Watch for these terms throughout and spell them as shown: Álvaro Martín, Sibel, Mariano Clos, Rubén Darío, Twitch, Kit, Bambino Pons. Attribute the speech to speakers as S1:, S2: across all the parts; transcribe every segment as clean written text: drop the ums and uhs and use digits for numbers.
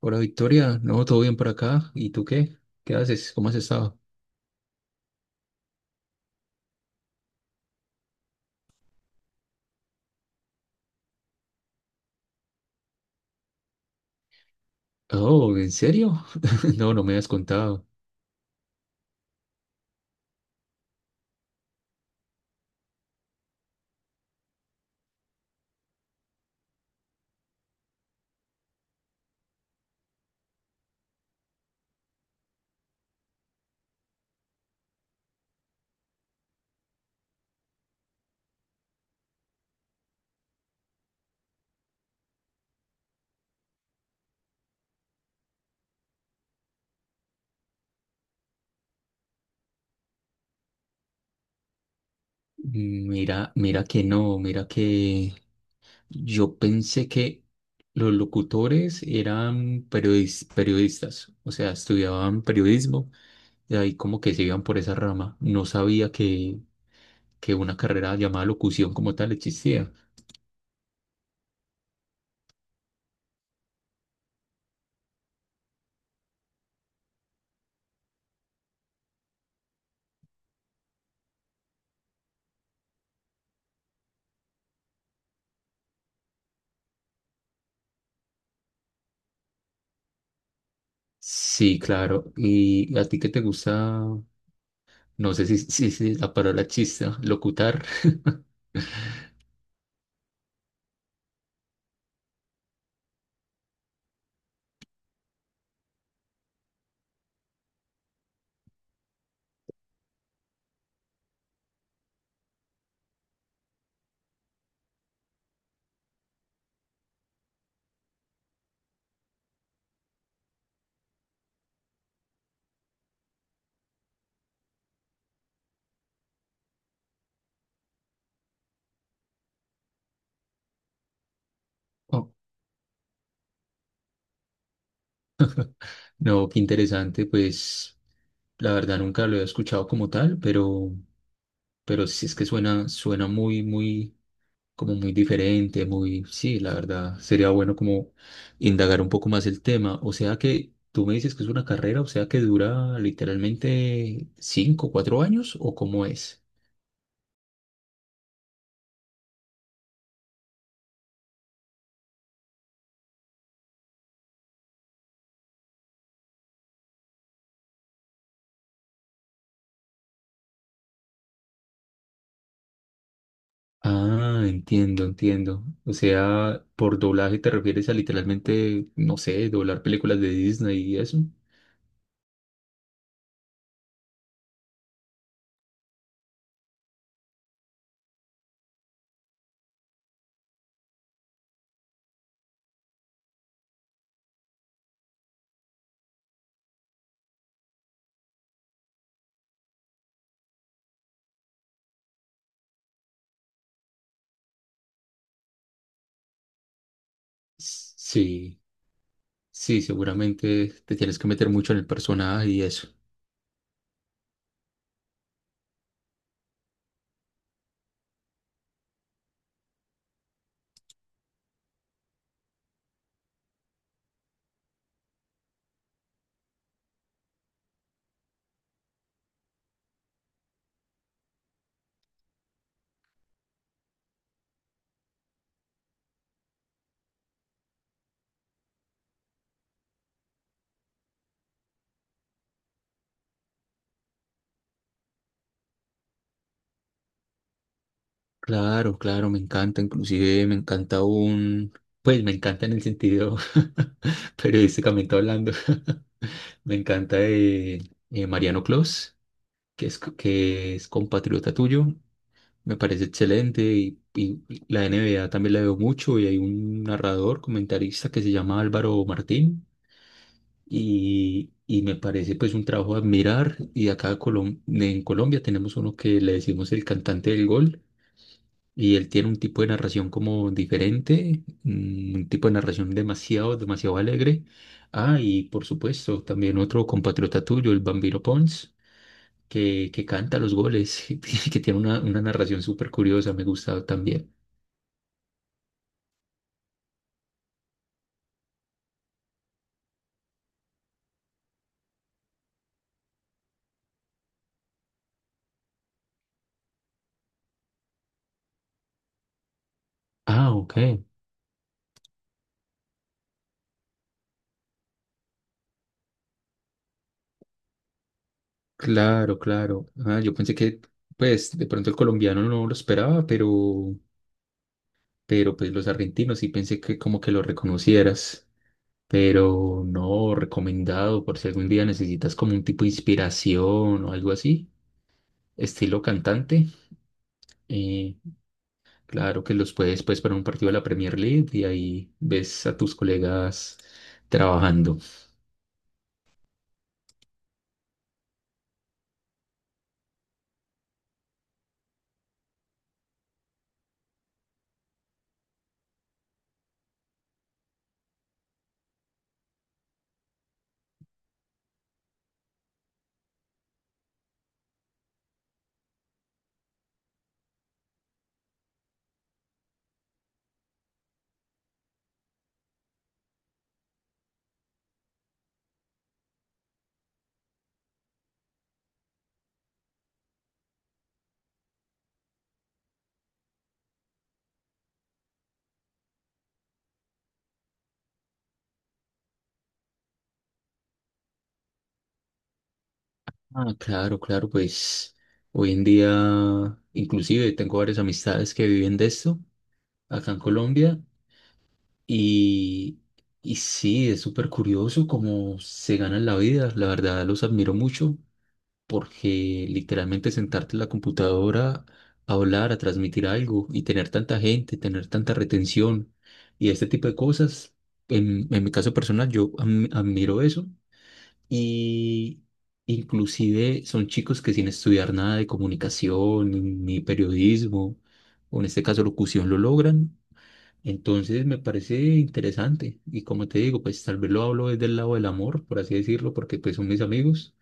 S1: Hola Victoria, no, todo bien por acá. ¿Y tú qué? ¿Qué haces? ¿Cómo has estado? Oh, ¿en serio? No, no me has contado. Mira, mira que no, mira que yo pensé que los locutores eran periodistas, o sea, estudiaban periodismo y ahí como que se iban por esa rama. No sabía que una carrera llamada locución como tal existía. Sí, claro. ¿Y a ti qué te gusta? No sé si la palabra chista, locutar. Oh, no, qué interesante, pues la verdad nunca lo he escuchado como tal, pero sí es que suena, suena muy, como muy diferente, muy, sí, la verdad, sería bueno como indagar un poco más el tema. O sea que tú me dices que es una carrera, o sea que dura literalmente cinco, cuatro años, ¿o cómo es? Ah, entiendo, entiendo. O sea, por doblaje te refieres a literalmente, no sé, doblar películas de Disney y eso. Sí. Sí, seguramente te tienes que meter mucho en el personaje y eso. Claro, claro, me encanta, inclusive me encanta un, pues me encanta en el sentido periodísticamente hablando. Me encanta Mariano Clos, que que es compatriota tuyo, me parece excelente y la NBA también la veo mucho y hay un narrador, comentarista que se llama Álvaro Martín y me parece pues un trabajo a admirar. Y acá en Colombia tenemos uno que le decimos el cantante del gol y él tiene un tipo de narración como diferente, mm, un tipo de narración demasiado, demasiado alegre. Ah, y por supuesto también otro compatriota tuyo, el Bambino Pons. Que canta los goles, que tiene una narración súper curiosa, me gusta también. Ah, ok. Claro, claro. Ah, yo pensé que, pues, de pronto el colombiano no lo esperaba, pero pues los argentinos sí pensé que como que lo reconocieras, pero no, recomendado por si algún día necesitas como un tipo de inspiración o algo así, estilo cantante, eh, claro que los puedes pues para un partido de la Premier League y ahí ves a tus colegas trabajando. Ah, claro, claro, pues hoy en día inclusive tengo varias amistades que viven de esto acá en Colombia. Y, y sí, es súper curioso cómo se ganan la vida. La verdad, los admiro mucho porque literalmente sentarte en la computadora a hablar, a transmitir algo y tener tanta gente, tener tanta retención y este tipo de cosas, en mi caso personal, yo admiro eso. Y inclusive son chicos que sin estudiar nada de comunicación ni periodismo, o en este caso locución, lo logran. Entonces me parece interesante y como te digo, pues tal vez lo hablo desde el lado del amor, por así decirlo, porque pues son mis amigos,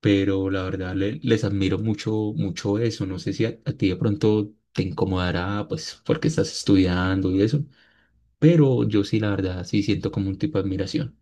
S1: pero la verdad les admiro mucho, mucho eso. No sé si a ti de pronto te incomodará, pues porque estás estudiando y eso, pero yo sí, la verdad, sí siento como un tipo de admiración.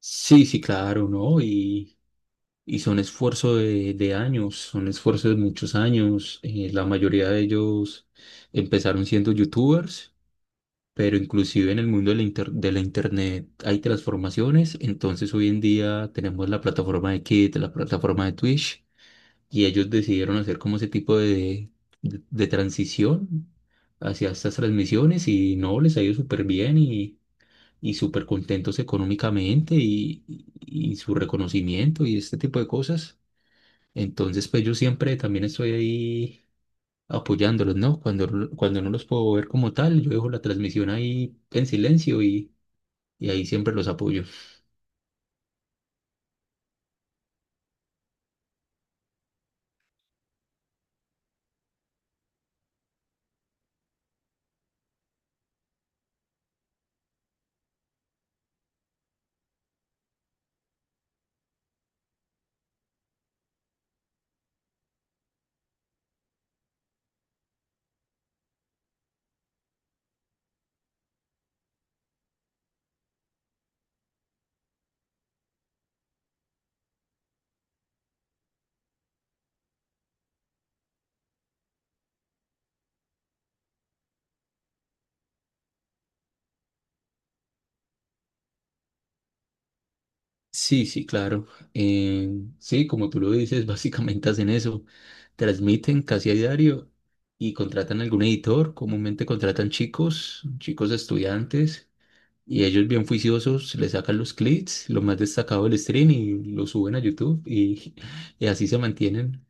S1: Sí, sí, claro, ¿no? Y son esfuerzos de años, son esfuerzos de muchos años. Eh, la mayoría de ellos empezaron siendo youtubers, pero inclusive en el mundo de de la internet hay transformaciones, entonces hoy en día tenemos la plataforma de Kit, la plataforma de Twitch, y ellos decidieron hacer como ese tipo de transición hacia estas transmisiones y no, les ha ido súper bien y súper contentos económicamente y y su reconocimiento y este tipo de cosas. Entonces, pues yo siempre también estoy ahí apoyándolos, ¿no? Cuando no los puedo ver como tal, yo dejo la transmisión ahí en silencio y ahí siempre los apoyo. Sí, sí, claro. Eh, sí, como tú lo dices, básicamente hacen eso. Transmiten casi a diario y contratan algún editor. Comúnmente contratan chicos, chicos estudiantes, y ellos bien juiciosos le sacan los clips, lo más destacado del stream y lo suben a YouTube y, y así se mantienen.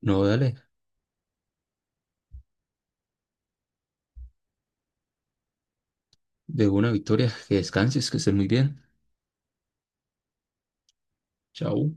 S1: No, dale, de una Victoria, que descanses, que estén muy bien. Chao.